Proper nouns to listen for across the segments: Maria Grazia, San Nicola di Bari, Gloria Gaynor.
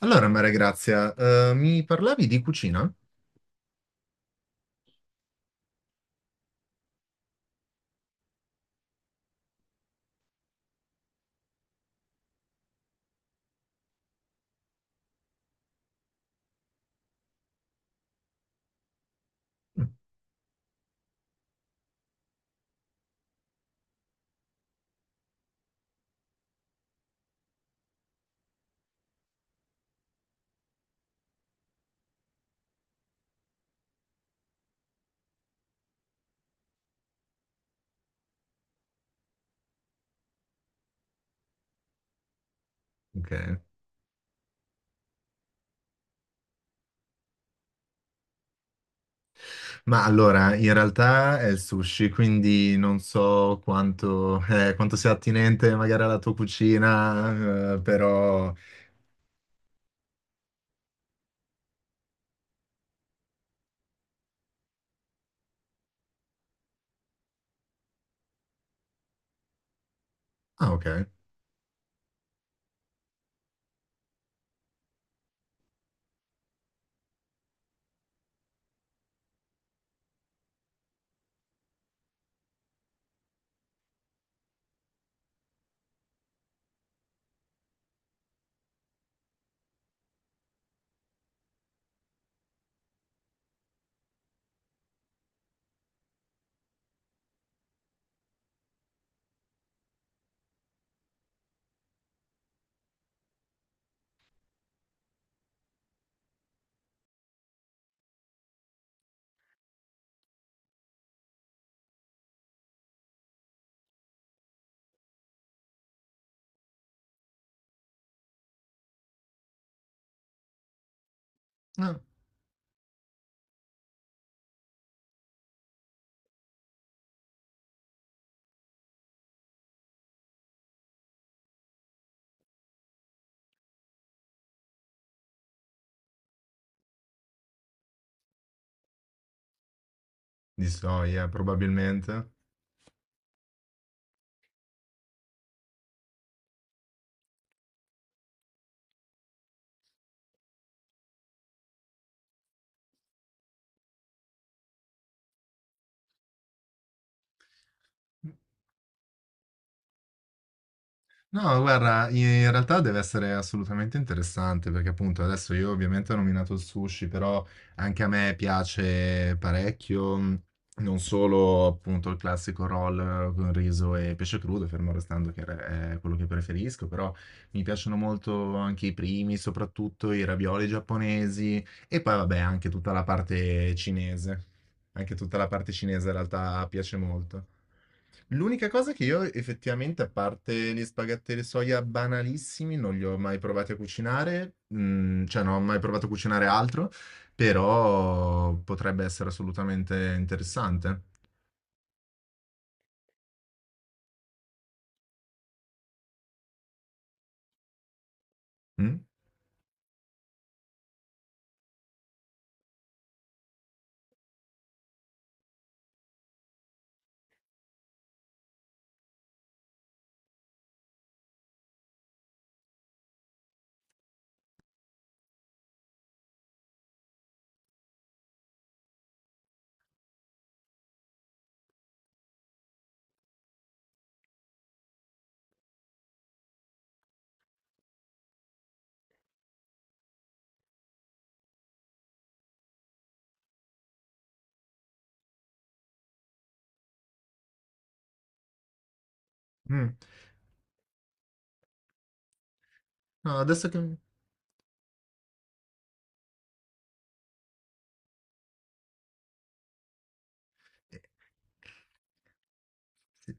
Allora, Maria Grazia, mi parlavi di cucina? Mm. Ok. Ma allora, in realtà è il sushi, quindi non so quanto, quanto sia attinente magari alla tua cucina, però... Ah, ok. Ah, di soia, probabilmente. No, guarda, in realtà deve essere assolutamente interessante perché appunto adesso io ovviamente ho nominato il sushi, però anche a me piace parecchio, non solo appunto il classico roll con riso e pesce crudo, fermo restando che è quello che preferisco, però mi piacciono molto anche i primi, soprattutto i ravioli giapponesi e poi vabbè anche tutta la parte cinese. Anche tutta la parte cinese in realtà piace molto. L'unica cosa che io effettivamente, a parte gli spaghetti alle soia banalissimi, non li ho mai provati a cucinare, mm, cioè non ho mai provato a cucinare altro, però potrebbe essere assolutamente interessante. Mm? Mm. No, adesso che... eh, sì.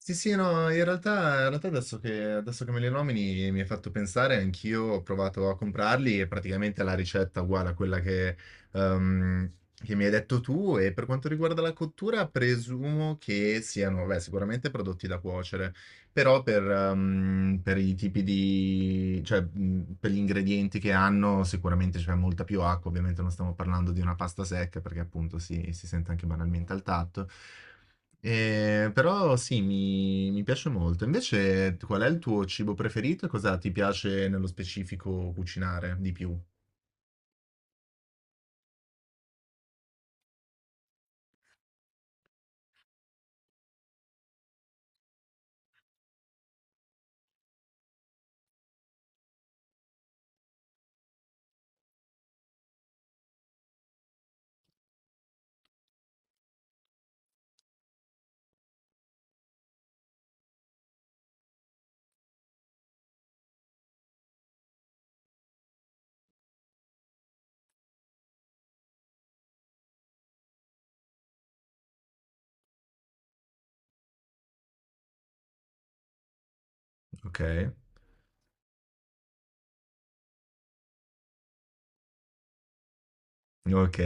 Sì, sì, no, in realtà adesso che me li nomini mi hai fatto pensare, anch'io ho provato a comprarli e praticamente la ricetta è uguale a quella che mi hai detto tu e per quanto riguarda la cottura presumo che siano, beh, sicuramente prodotti da cuocere, però per i tipi di, cioè, per gli ingredienti che hanno sicuramente c'è molta più acqua, ovviamente non stiamo parlando di una pasta secca perché appunto si sente anche banalmente al tatto. Però sì, mi piace molto. Invece, qual è il tuo cibo preferito e cosa ti piace nello specifico cucinare di più? Ok, ok.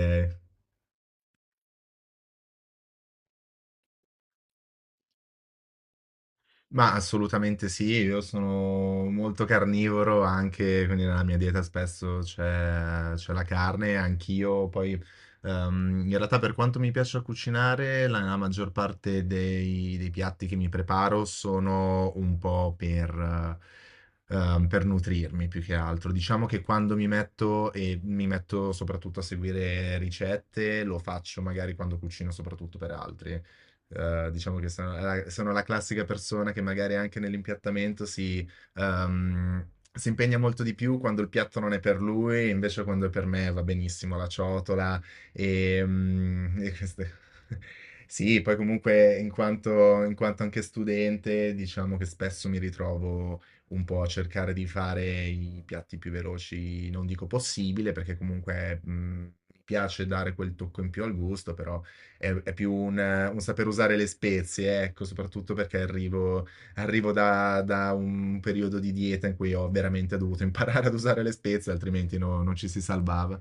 Ma assolutamente sì, io sono molto carnivoro anche, quindi nella mia dieta spesso c'è la carne, anch'io poi in realtà per quanto mi piaccia cucinare, la maggior parte dei piatti che mi preparo sono un po' per nutrirmi più che altro. Diciamo che quando mi metto e mi metto soprattutto a seguire ricette, lo faccio magari quando cucino soprattutto per altri diciamo che sono la classica persona che magari anche nell'impiattamento si, ehm, si impegna molto di più quando il piatto non è per lui, invece quando è per me va benissimo la ciotola e, mm, e queste- Sì, poi comunque in quanto anche studente, diciamo che spesso mi ritrovo un po' a cercare di fare i piatti più veloci, non dico possibile, perché comunque mi piace dare quel tocco in più al gusto, però è più un saper usare le spezie, ecco, soprattutto perché arrivo, arrivo da un periodo di dieta in cui ho veramente dovuto imparare ad usare le spezie, altrimenti non ci si salvava.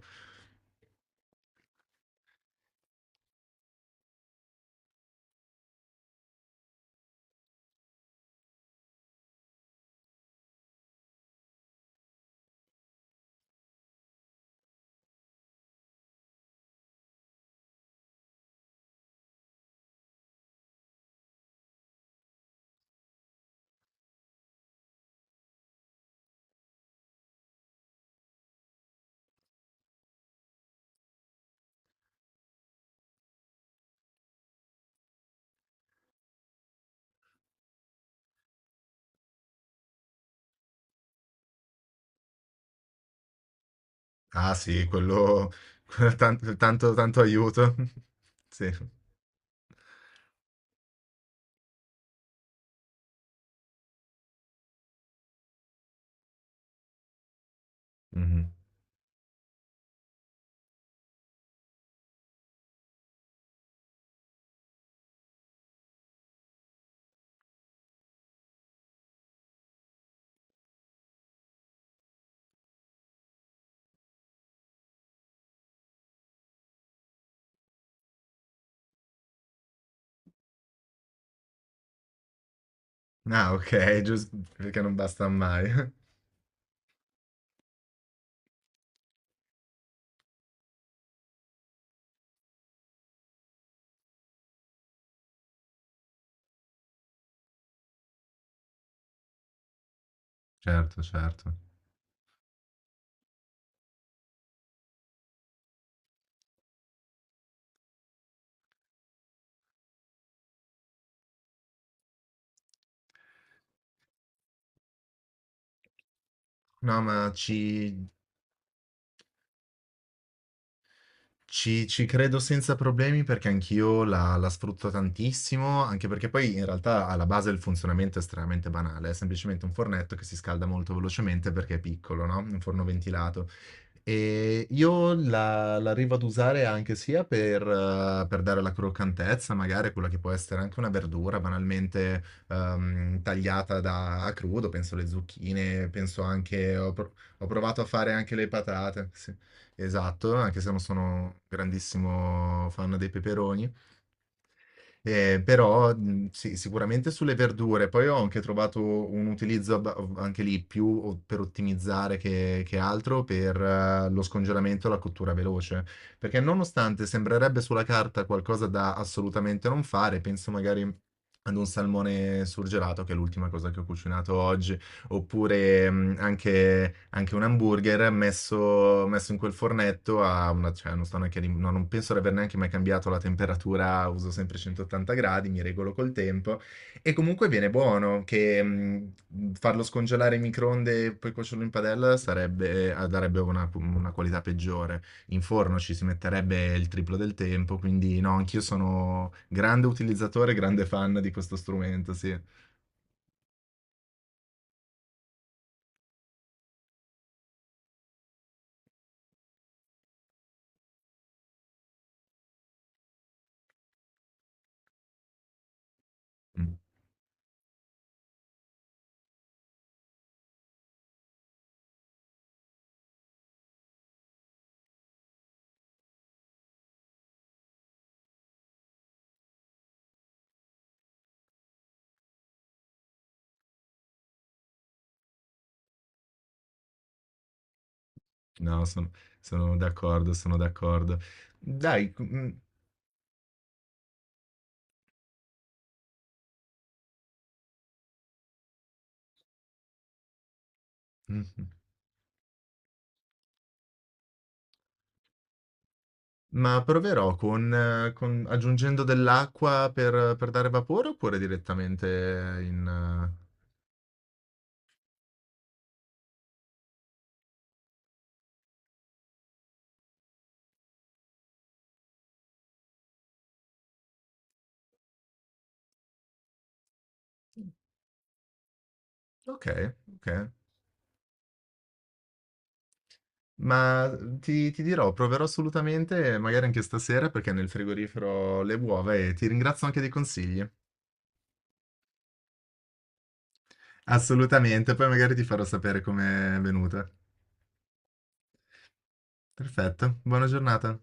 Ah sì, quello, tanto, tanto aiuto. Sì. Mhm. Ah, ok, giusto perché non basta mai. Certo, certo. No, ma ci, Ci credo senza problemi perché anch'io la sfrutto tantissimo, anche perché poi in realtà alla base il funzionamento è estremamente banale, è semplicemente un fornetto che si scalda molto velocemente perché è piccolo, no, un forno ventilato. Io la arrivo ad usare anche sia per dare la croccantezza, magari quella che può essere anche una verdura banalmente, tagliata da a crudo, penso alle zucchine, penso anche ho provato a fare anche le patate, sì. Esatto, anche se non sono un grandissimo fan dei peperoni. Però sì, sicuramente sulle verdure. Poi ho anche trovato un utilizzo anche lì per ottimizzare che altro per lo scongelamento e la cottura veloce. Perché nonostante sembrerebbe sulla carta qualcosa da assolutamente non fare, penso magari ad un salmone surgelato, che è l'ultima cosa che ho cucinato oggi oppure anche, anche un hamburger messo, messo in quel fornetto a una, cioè non sto neanche, no, non penso di aver neanche mai cambiato la temperatura, uso sempre 180 gradi, mi regolo col tempo e comunque viene buono che farlo scongelare in microonde e poi cuocerlo in padella sarebbe, darebbe una qualità peggiore. In forno ci si metterebbe il triplo del tempo, quindi no, anch'io sono grande utilizzatore, grande fan di questo strumento, sì. Mm. No, son sono d'accordo, sono d'accordo. Dai, mhmm, mh-mh, ma proverò con aggiungendo dell'acqua per dare vapore oppure direttamente in okay, okay. Ma mm, ti dirò, proverò assolutamente, magari anche stasera, perché nel frigorifero ho le uova e ti ringrazio anche dei consigli. Assolutamente, poi magari ti farò sapere com'è venuta. Perfetto, buona giornata.